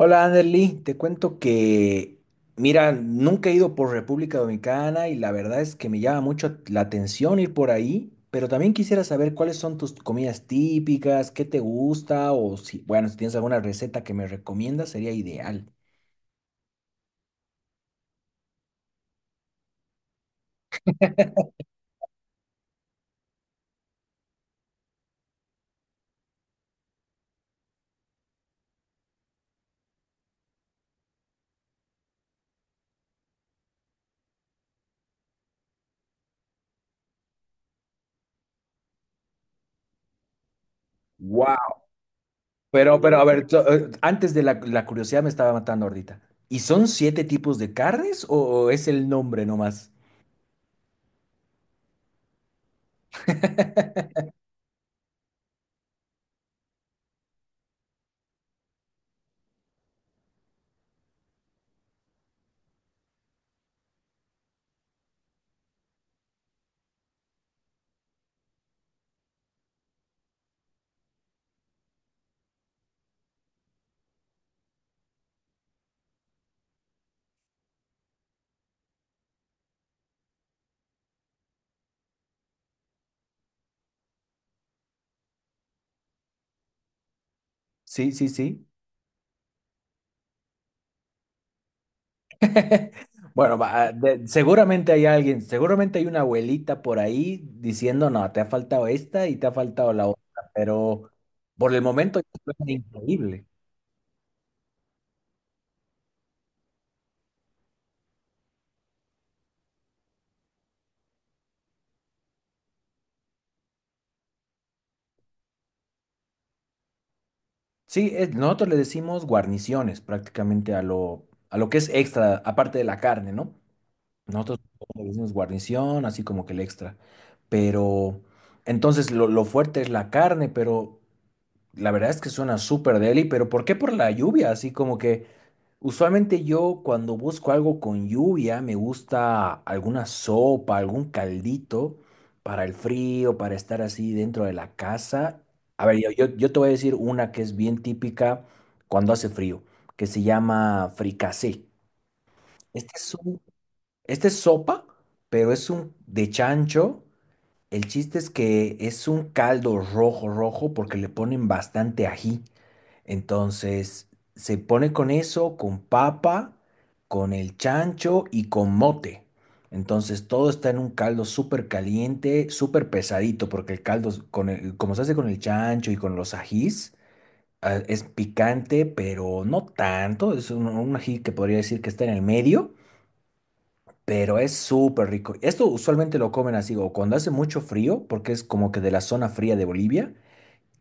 Hola, Anderly, te cuento que, mira, nunca he ido por República Dominicana y la verdad es que me llama mucho la atención ir por ahí, pero también quisiera saber cuáles son tus comidas típicas, qué te gusta o si, bueno, si tienes alguna receta que me recomiendas, sería ideal. Wow. Pero, a ver, antes de la curiosidad me estaba matando ahorita. ¿Y son siete tipos de carnes o es el nombre nomás? Sí, sí, sí. Bueno, va, seguramente hay alguien, seguramente hay una abuelita por ahí diciendo, no, te ha faltado esta y te ha faltado la otra, pero por el momento suena increíble. Sí, nosotros le decimos guarniciones prácticamente a lo que es extra, aparte de la carne, ¿no? Nosotros le decimos guarnición, así como que el extra. Pero entonces lo fuerte es la carne, pero la verdad es que suena súper deli, pero ¿por qué por la lluvia? Así como que... Usualmente yo cuando busco algo con lluvia me gusta alguna sopa, algún caldito para el frío, para estar así dentro de la casa. A ver, yo te voy a decir una que es bien típica cuando hace frío, que se llama fricasé. Este es un- esta es sopa, pero es un de chancho. El chiste es que es un caldo rojo, rojo, porque le ponen bastante ají. Entonces, se pone con eso, con papa, con el chancho y con mote. Entonces, todo está en un caldo súper caliente, súper pesadito, porque el caldo, como se hace con el chancho y con los ajís, ah, es picante, pero no tanto. Es un ají que podría decir que está en el medio, pero es súper rico. Esto usualmente lo comen así, o cuando hace mucho frío, porque es como que de la zona fría de Bolivia.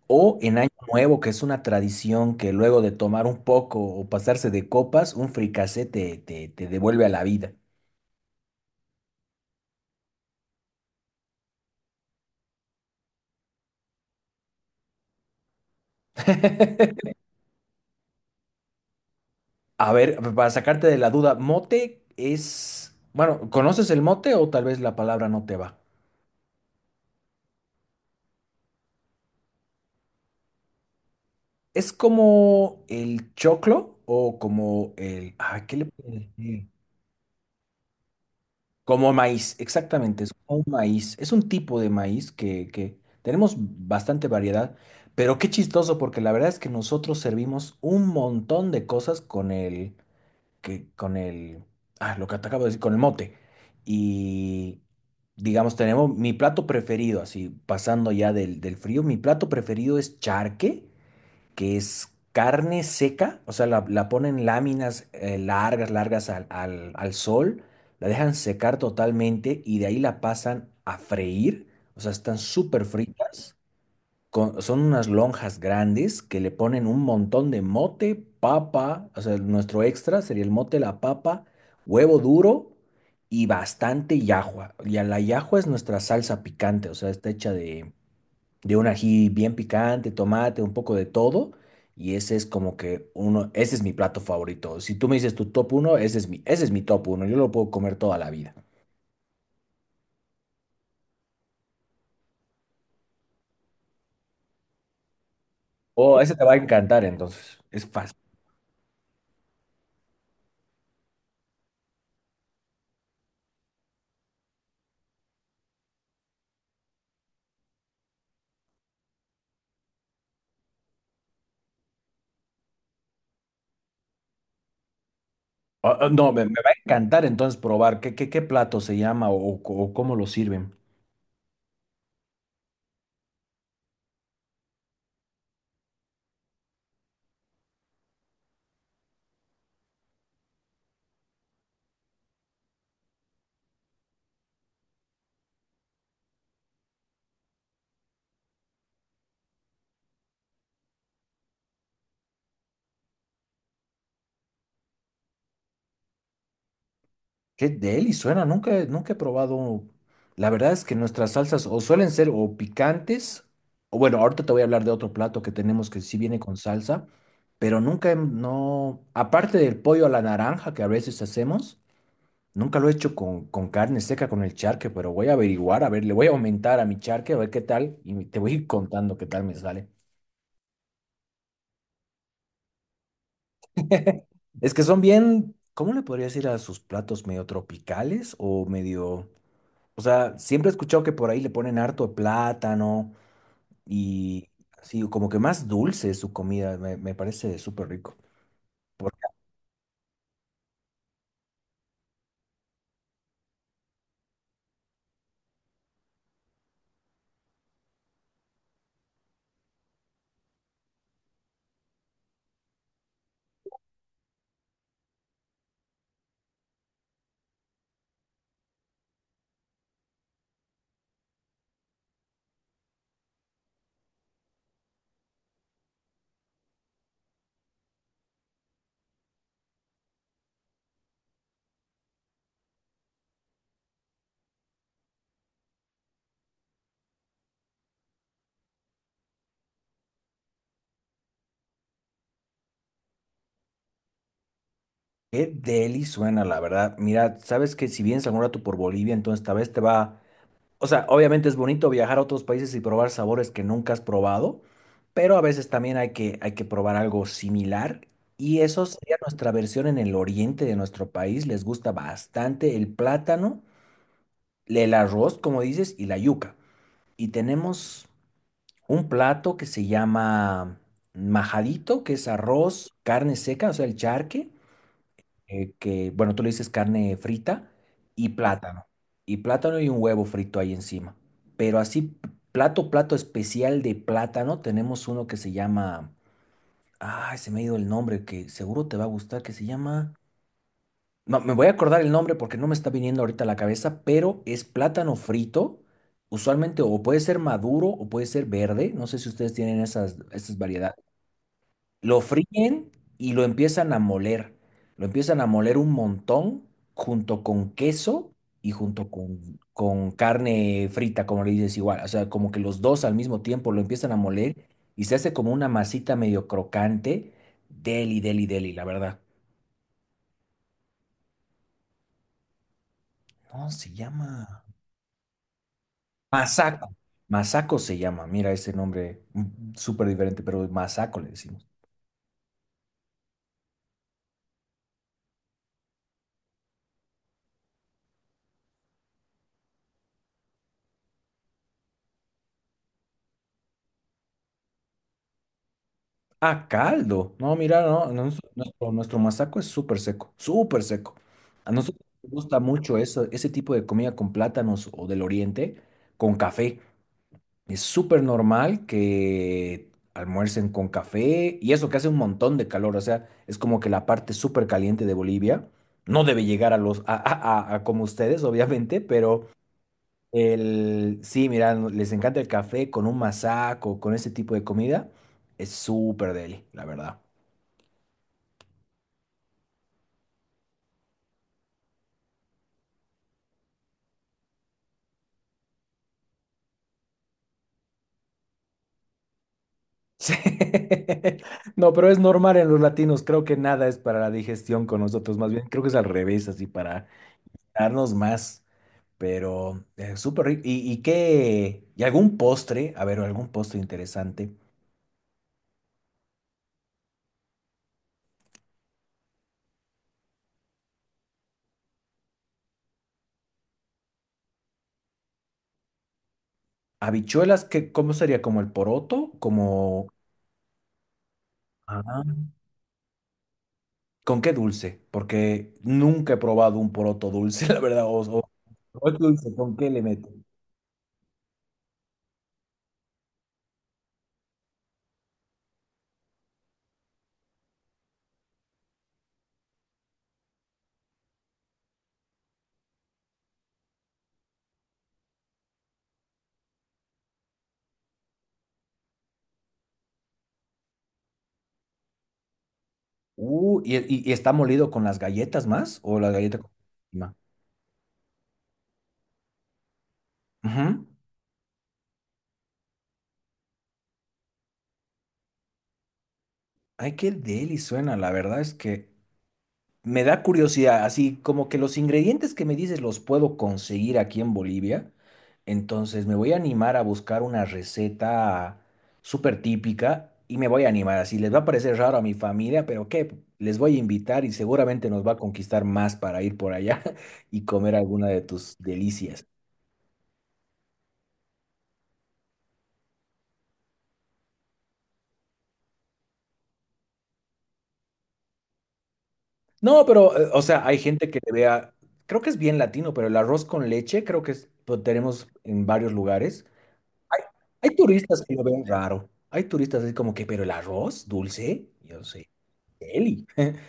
O en Año Nuevo, que es una tradición que luego de tomar un poco o pasarse de copas, un fricasé te devuelve a la vida. A ver, para sacarte de la duda, mote es... Bueno, ¿conoces el mote o tal vez la palabra no te va? ¿Es como el choclo o como el... Ah, ¿qué le puedo decir? Como maíz, exactamente, es como un maíz. Es un tipo de maíz que tenemos bastante variedad, pero qué chistoso, porque la verdad es que nosotros servimos un montón de cosas con el, que, con el, ah, lo que te acabo de decir, con el mote. Y digamos, tenemos mi plato preferido, así, pasando ya del frío, mi plato preferido es charque que es carne seca, o sea, la ponen láminas largas, largas al sol, la dejan secar totalmente y de ahí la pasan a freír, o sea, están súper fritas, son unas lonjas grandes que le ponen un montón de mote, papa, o sea, nuestro extra sería el mote, la papa, huevo duro. Y bastante yahua. Y a la yahua es nuestra salsa picante, o sea, está hecha de un ají bien picante, tomate, un poco de todo. Y ese es como que uno, ese es mi plato favorito. Si tú me dices tu top uno, ese es mi top uno. Yo lo puedo comer toda la vida. Oh, ese te va a encantar entonces. Es fácil. Oh, oh, no, me va a encantar entonces probar qué plato se llama o cómo lo sirven. Qué deli suena, nunca he probado. La verdad es que nuestras salsas o suelen ser o picantes, o bueno, ahorita te voy a hablar de otro plato que tenemos que sí viene con salsa, pero nunca, hem- no, aparte del pollo a la naranja que a veces hacemos, nunca lo he hecho con carne seca, con el charque, pero voy a averiguar, a ver, le voy a aumentar a mi charque, a ver qué tal, y te voy a ir contando qué tal me sale. Es que son bien, ¿cómo le podría decir a sus platos medio tropicales o medio... O sea, siempre he escuchado que por ahí le ponen harto de plátano y así, como que más dulce es su comida, me parece súper rico. Qué deli suena, la verdad. Mira, sabes que si vienes algún rato por Bolivia, entonces tal vez te va. O sea, obviamente es bonito viajar a otros países y probar sabores que nunca has probado, pero a veces también hay hay que probar algo similar. Y eso sería nuestra versión en el oriente de nuestro país. Les gusta bastante el plátano, el arroz, como dices, y la yuca. Y tenemos un plato que se llama majadito, que es arroz, carne seca, o sea, el charque, bueno, tú le dices carne frita y plátano. Y plátano y un huevo frito ahí encima. Pero así, plato especial de plátano, tenemos uno que se llama, ay, se me ha ido el nombre, que seguro te va a gustar, que se llama... No, me voy a acordar el nombre porque no me está viniendo ahorita a la cabeza, pero es plátano frito, usualmente o puede ser maduro o puede ser verde, no sé si ustedes tienen esas variedades. Lo fríen y lo empiezan a moler, lo empiezan a moler un montón junto con queso y junto con carne frita, como le dices igual, o sea, como que los dos al mismo tiempo lo empiezan a moler y se hace como una masita medio crocante, deli, deli, deli, la verdad. No, se llama... Masaco. Masaco se llama. Mira ese nombre súper diferente, pero Masaco le decimos. Ah, caldo. No, mira, no. Nuestro, nuestro masaco es súper seco, súper seco. A nosotros nos gusta mucho eso, ese tipo de comida con plátanos o del oriente, con café. Es súper normal que almuercen con café y eso que hace un montón de calor. O sea, es como que la parte súper caliente de Bolivia no debe llegar a los, a como ustedes, obviamente, pero. Sí, mira, les encanta el café con un masaco, con ese tipo de comida. Es súper deli, la verdad. Sí. No, pero es normal en los latinos. Creo que nada es para la digestión con nosotros. Más bien, creo que es al revés, así para darnos más. Pero es súper rico. Y qué? ¿Y algún postre? A ver, algún postre interesante. Habichuelas, ¿qué, cómo sería? ¿Como el poroto? Como... Ah. ¿Con qué dulce? Porque nunca he probado un poroto dulce, la verdad. O es dulce, ¿con qué le meto? Y está molido con las galletas más? ¿O la galleta con... encima? Ujú. Ay, qué deli suena. La verdad es que me da curiosidad, así como que los ingredientes que me dices los puedo conseguir aquí en Bolivia, entonces me voy a animar a buscar una receta súper típica y me voy a animar, así les va a parecer raro a mi familia, pero qué, les voy a invitar y seguramente nos va a conquistar más para ir por allá y comer alguna de tus delicias. No, pero, o sea, hay gente que le vea, creo que es bien latino, pero el arroz con leche creo que lo tenemos en varios lugares. Hay turistas que lo ven raro. Hay turistas así como que, pero el arroz dulce, yo sé, deli.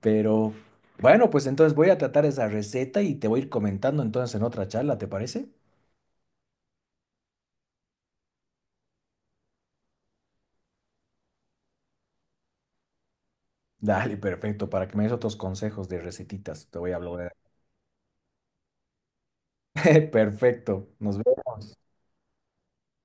Pero bueno, pues entonces voy a tratar esa receta y te voy a ir comentando entonces en otra charla, ¿te parece? Dale, perfecto, para que me des otros consejos de recetitas, te voy a hablar. Perfecto, nos vemos.